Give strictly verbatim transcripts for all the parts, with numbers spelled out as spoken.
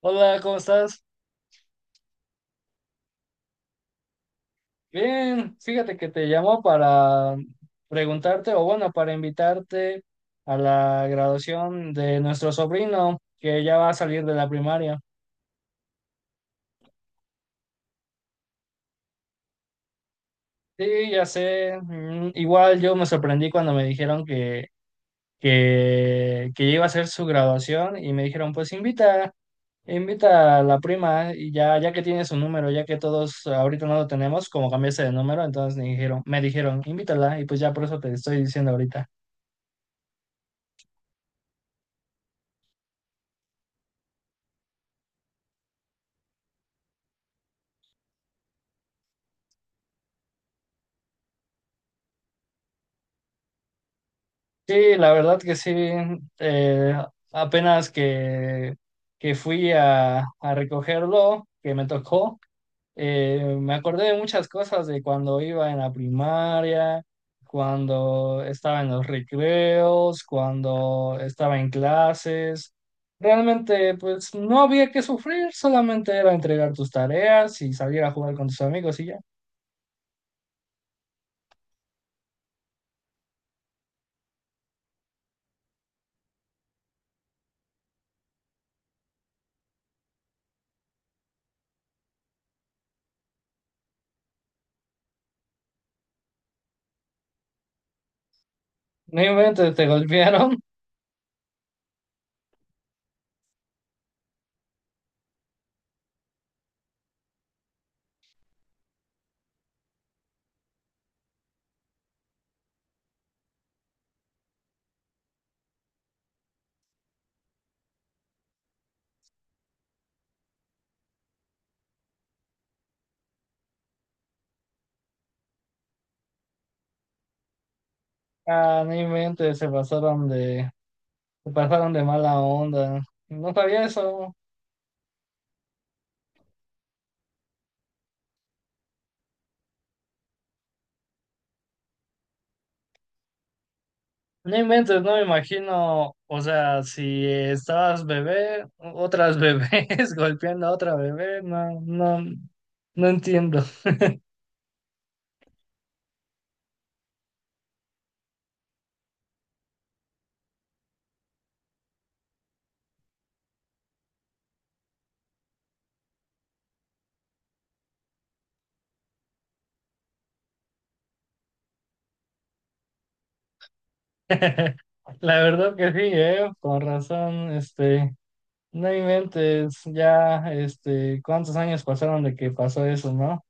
Hola, ¿cómo estás? Bien, fíjate que te llamo para preguntarte, o bueno, para invitarte a la graduación de nuestro sobrino, que ya va a salir de la primaria. Sí, ya sé. Mm, igual yo me sorprendí cuando me dijeron que, que, que iba a ser su graduación y me dijeron, pues invita, invita a la prima y ya, ya que tiene su número, ya que todos ahorita no lo tenemos, como cambiaste de número, entonces me dijeron, me dijeron, invítala y pues ya por eso te estoy diciendo ahorita. Sí, la verdad que sí. eh, apenas que, que fui a, a recogerlo, que me tocó. Eh, me acordé de muchas cosas de cuando iba en la primaria, cuando estaba en los recreos, cuando estaba en clases. Realmente, pues no había que sufrir, solamente era entregar tus tareas y salir a jugar con tus amigos y ya. Ni inventes, te golpearon. Ah, ni inventes, se pasaron de se pasaron de mala onda. No sabía eso. No inventes, no me imagino. O sea, si estabas bebé, otras bebés golpeando a otra bebé, no, no, no entiendo. La verdad que sí. Eh, con razón, este, no inventes. Ya, este, ¿cuántos años pasaron de que pasó eso, no?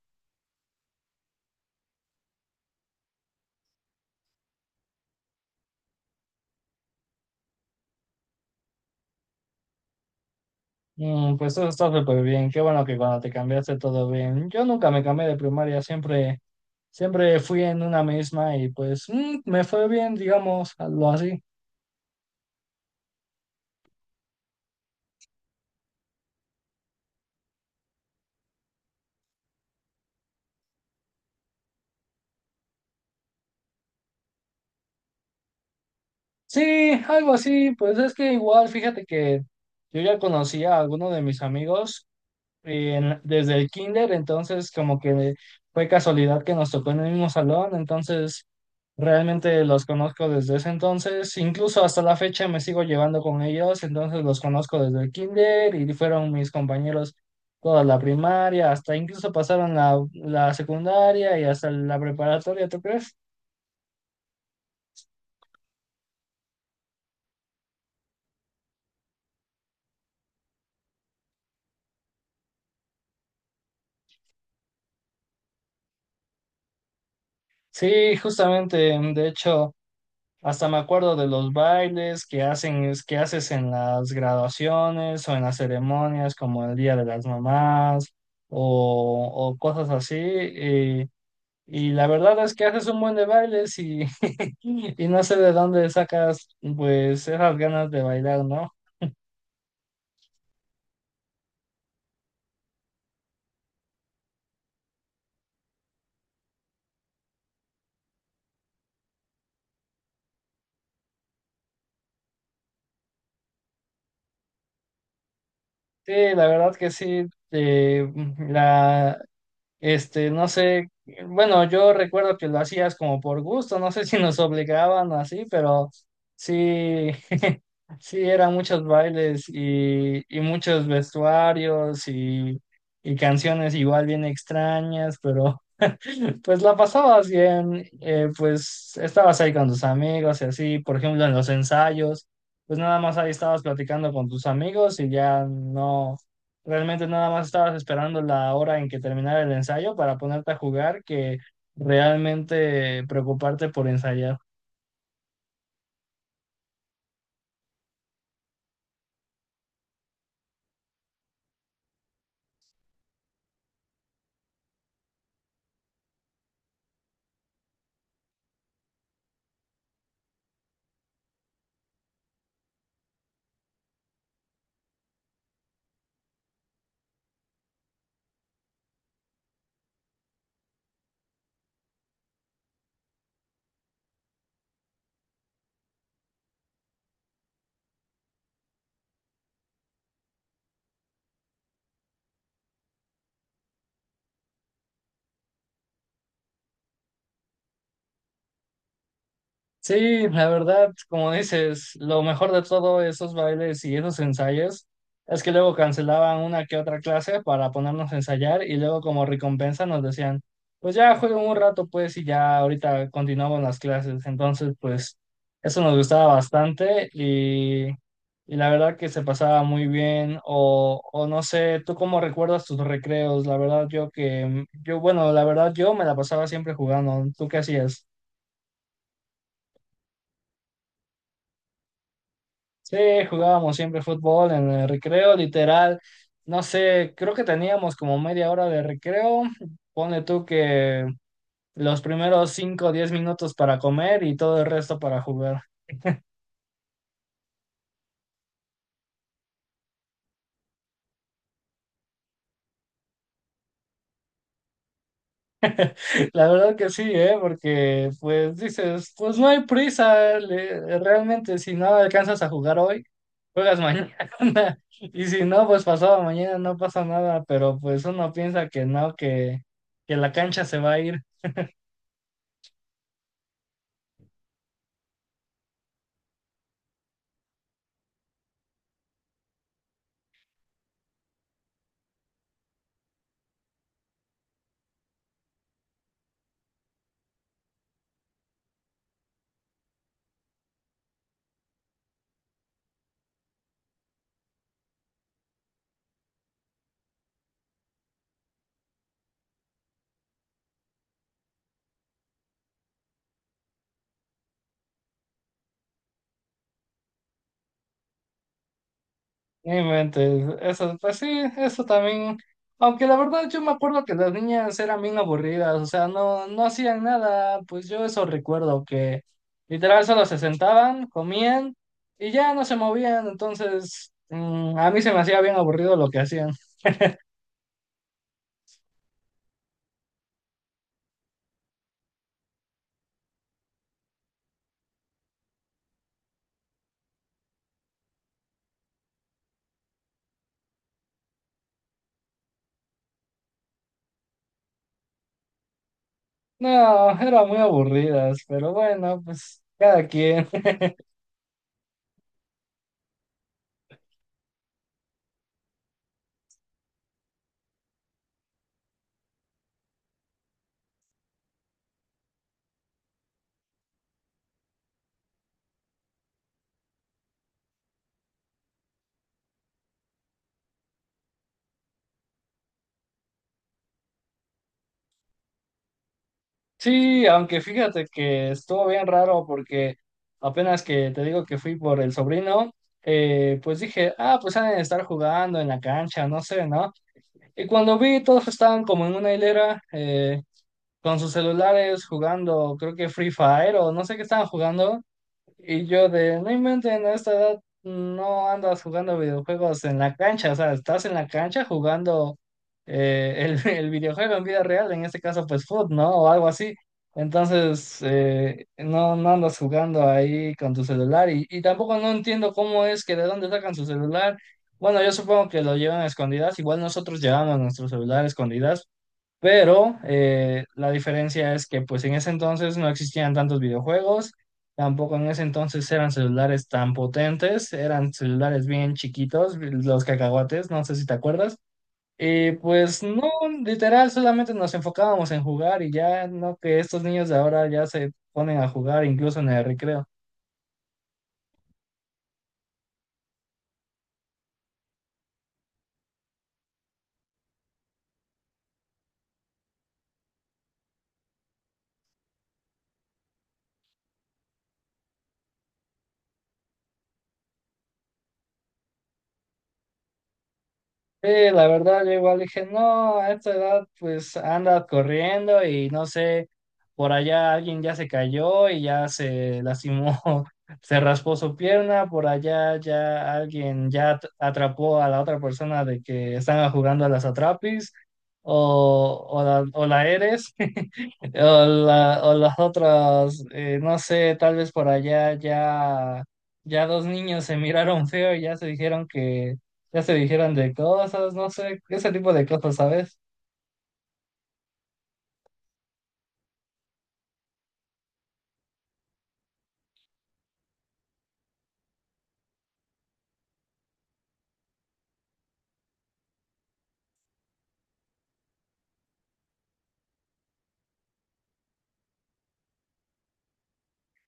Mm, pues eso está súper bien. Qué bueno que cuando te cambiaste todo bien. Yo nunca me cambié de primaria, siempre, siempre fui en una misma y pues mm, me fue bien, digamos, algo así. Sí, algo así. Pues es que igual, fíjate que yo ya conocía a alguno de mis amigos en- desde el kinder, entonces como que fue casualidad que nos tocó en el mismo salón. Entonces realmente los conozco desde ese entonces, incluso hasta la fecha me sigo llevando con ellos. Entonces los conozco desde el kinder y fueron mis compañeros toda la primaria, hasta incluso pasaron la, la secundaria y hasta la preparatoria, ¿tú crees? Sí, justamente, de hecho, hasta me acuerdo de los bailes que hacen, es- que haces en las graduaciones o en las ceremonias, como el Día de las Mamás o, o cosas así. Y, y la verdad es que haces un buen de bailes y, y no sé de dónde sacas pues esas ganas de bailar, ¿no? Sí, la verdad que sí. eh, la, este, no sé, bueno, yo recuerdo que lo hacías como por gusto, no sé si nos obligaban o así, pero sí, sí, eran muchos bailes y, y muchos vestuarios y, y canciones igual bien extrañas, pero pues la pasabas bien. Eh, pues estabas ahí con tus amigos y así. Por ejemplo, en los ensayos, pues nada más ahí estabas platicando con tus amigos y ya no, realmente nada más estabas esperando la hora en que terminara el ensayo para ponerte a jugar que realmente preocuparte por ensayar. Sí, la verdad, como dices, lo mejor de todo esos bailes y esos ensayos es que luego cancelaban una que otra clase para ponernos a ensayar, y luego, como recompensa, nos decían, pues ya jueguen un rato pues, y ya ahorita continuamos las clases. Entonces, pues eso nos gustaba bastante y, y la verdad que se pasaba muy bien. O, o, no sé, ¿tú cómo recuerdas tus recreos? La verdad yo que, yo, bueno, la verdad, yo me la pasaba siempre jugando. ¿Tú qué hacías? Sí, jugábamos siempre fútbol en el recreo, literal. No sé, creo que teníamos como media hora de recreo. Ponle tú que los primeros cinco o diez minutos para comer y todo el resto para jugar. La verdad que sí, ¿eh? Porque pues dices, pues no hay prisa. Le- realmente, si no alcanzas a jugar hoy, juegas mañana. Y si no, pues pasado mañana no pasa nada. Pero pues uno piensa que no, que, que la cancha se va a ir. No inventes, eso, pues sí, eso también. Aunque la verdad yo me acuerdo que las niñas eran bien aburridas. O sea, no, no hacían nada, pues yo eso recuerdo, que literal solo se sentaban, comían y ya no se movían. Entonces mm, a mí se me hacía bien aburrido lo que hacían. No, eran muy aburridas, pero bueno, pues cada quien. Sí, aunque fíjate que estuvo bien raro porque apenas que te digo que fui por el sobrino, eh, pues dije, ah, pues han de estar jugando en la cancha, no sé, ¿no? Y cuando vi, todos estaban como en una hilera, eh, con sus celulares jugando. Creo que Free Fire o no sé qué estaban jugando. Y yo de, no inventen, a esta edad no andas jugando videojuegos en la cancha. O sea, estás en la cancha jugando, eh, el, el videojuego en vida real, en este caso pues foot, ¿no? O algo así. Entonces, eh, no, no andas jugando ahí con tu celular, y, y tampoco no entiendo cómo es que de dónde sacan su celular. Bueno, yo supongo que lo llevan a escondidas, igual nosotros llevamos nuestro celular a escondidas, pero eh, la diferencia es que pues en ese entonces no existían tantos videojuegos, tampoco en ese entonces eran celulares tan potentes, eran celulares bien chiquitos, los cacahuates, no sé si te acuerdas. Y pues no, literal, solamente nos enfocábamos en jugar y ya no que estos niños de ahora ya se ponen a jugar incluso en el recreo. Sí, la verdad, yo igual dije, no, a esta edad pues anda corriendo y no sé, por allá alguien ya se cayó y ya se lastimó, se raspó su pierna, por allá ya alguien ya at- atrapó a la otra persona de que están jugando a las atrapis o, o la, o la eres, o, la- o las otras. Eh, no sé, tal vez por allá ya, ya dos niños se miraron feo y ya se dijeron ya se dijeron de cosas, no sé, ese tipo de cosas, ¿sabes?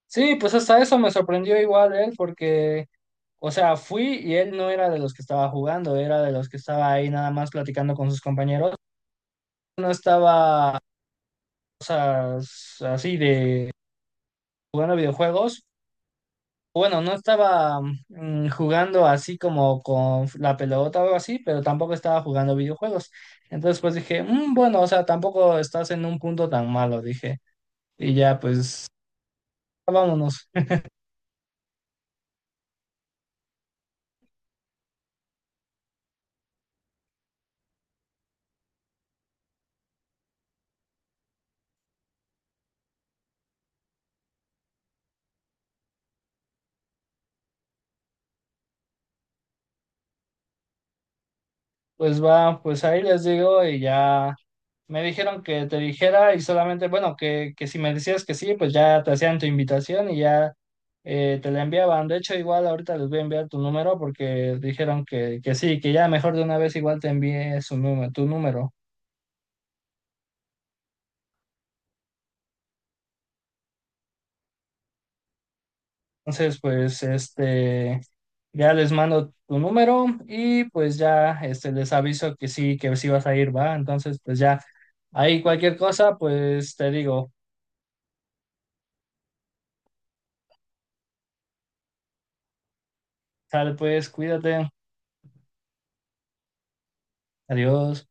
Sí, pues hasta eso me sorprendió, igual él, porque, o sea, fui y él no era de los que estaba jugando, era de los que estaba ahí nada más platicando con sus compañeros, no estaba, o sea, s- así de jugando videojuegos. Bueno, no estaba mm, jugando así como con la pelota o algo así, pero tampoco estaba jugando videojuegos. Entonces pues dije: "Mm, bueno, o sea, tampoco estás en un punto tan malo", dije. Y ya pues, vámonos. Pues va, pues ahí les digo, y ya me dijeron que te dijera y solamente, bueno, que, que si me decías que sí, pues ya te hacían tu invitación, y ya eh, te la enviaban. De hecho, igual ahorita les voy a enviar tu número porque dijeron que, que sí, que ya mejor de una vez igual te envié su número, tu número. Entonces, pues este, ya les mando tu número y pues ya este, les aviso que sí, que sí vas a ir, va. Entonces, pues ya ahí cualquier cosa, pues te digo, sale pues, cuídate. Adiós.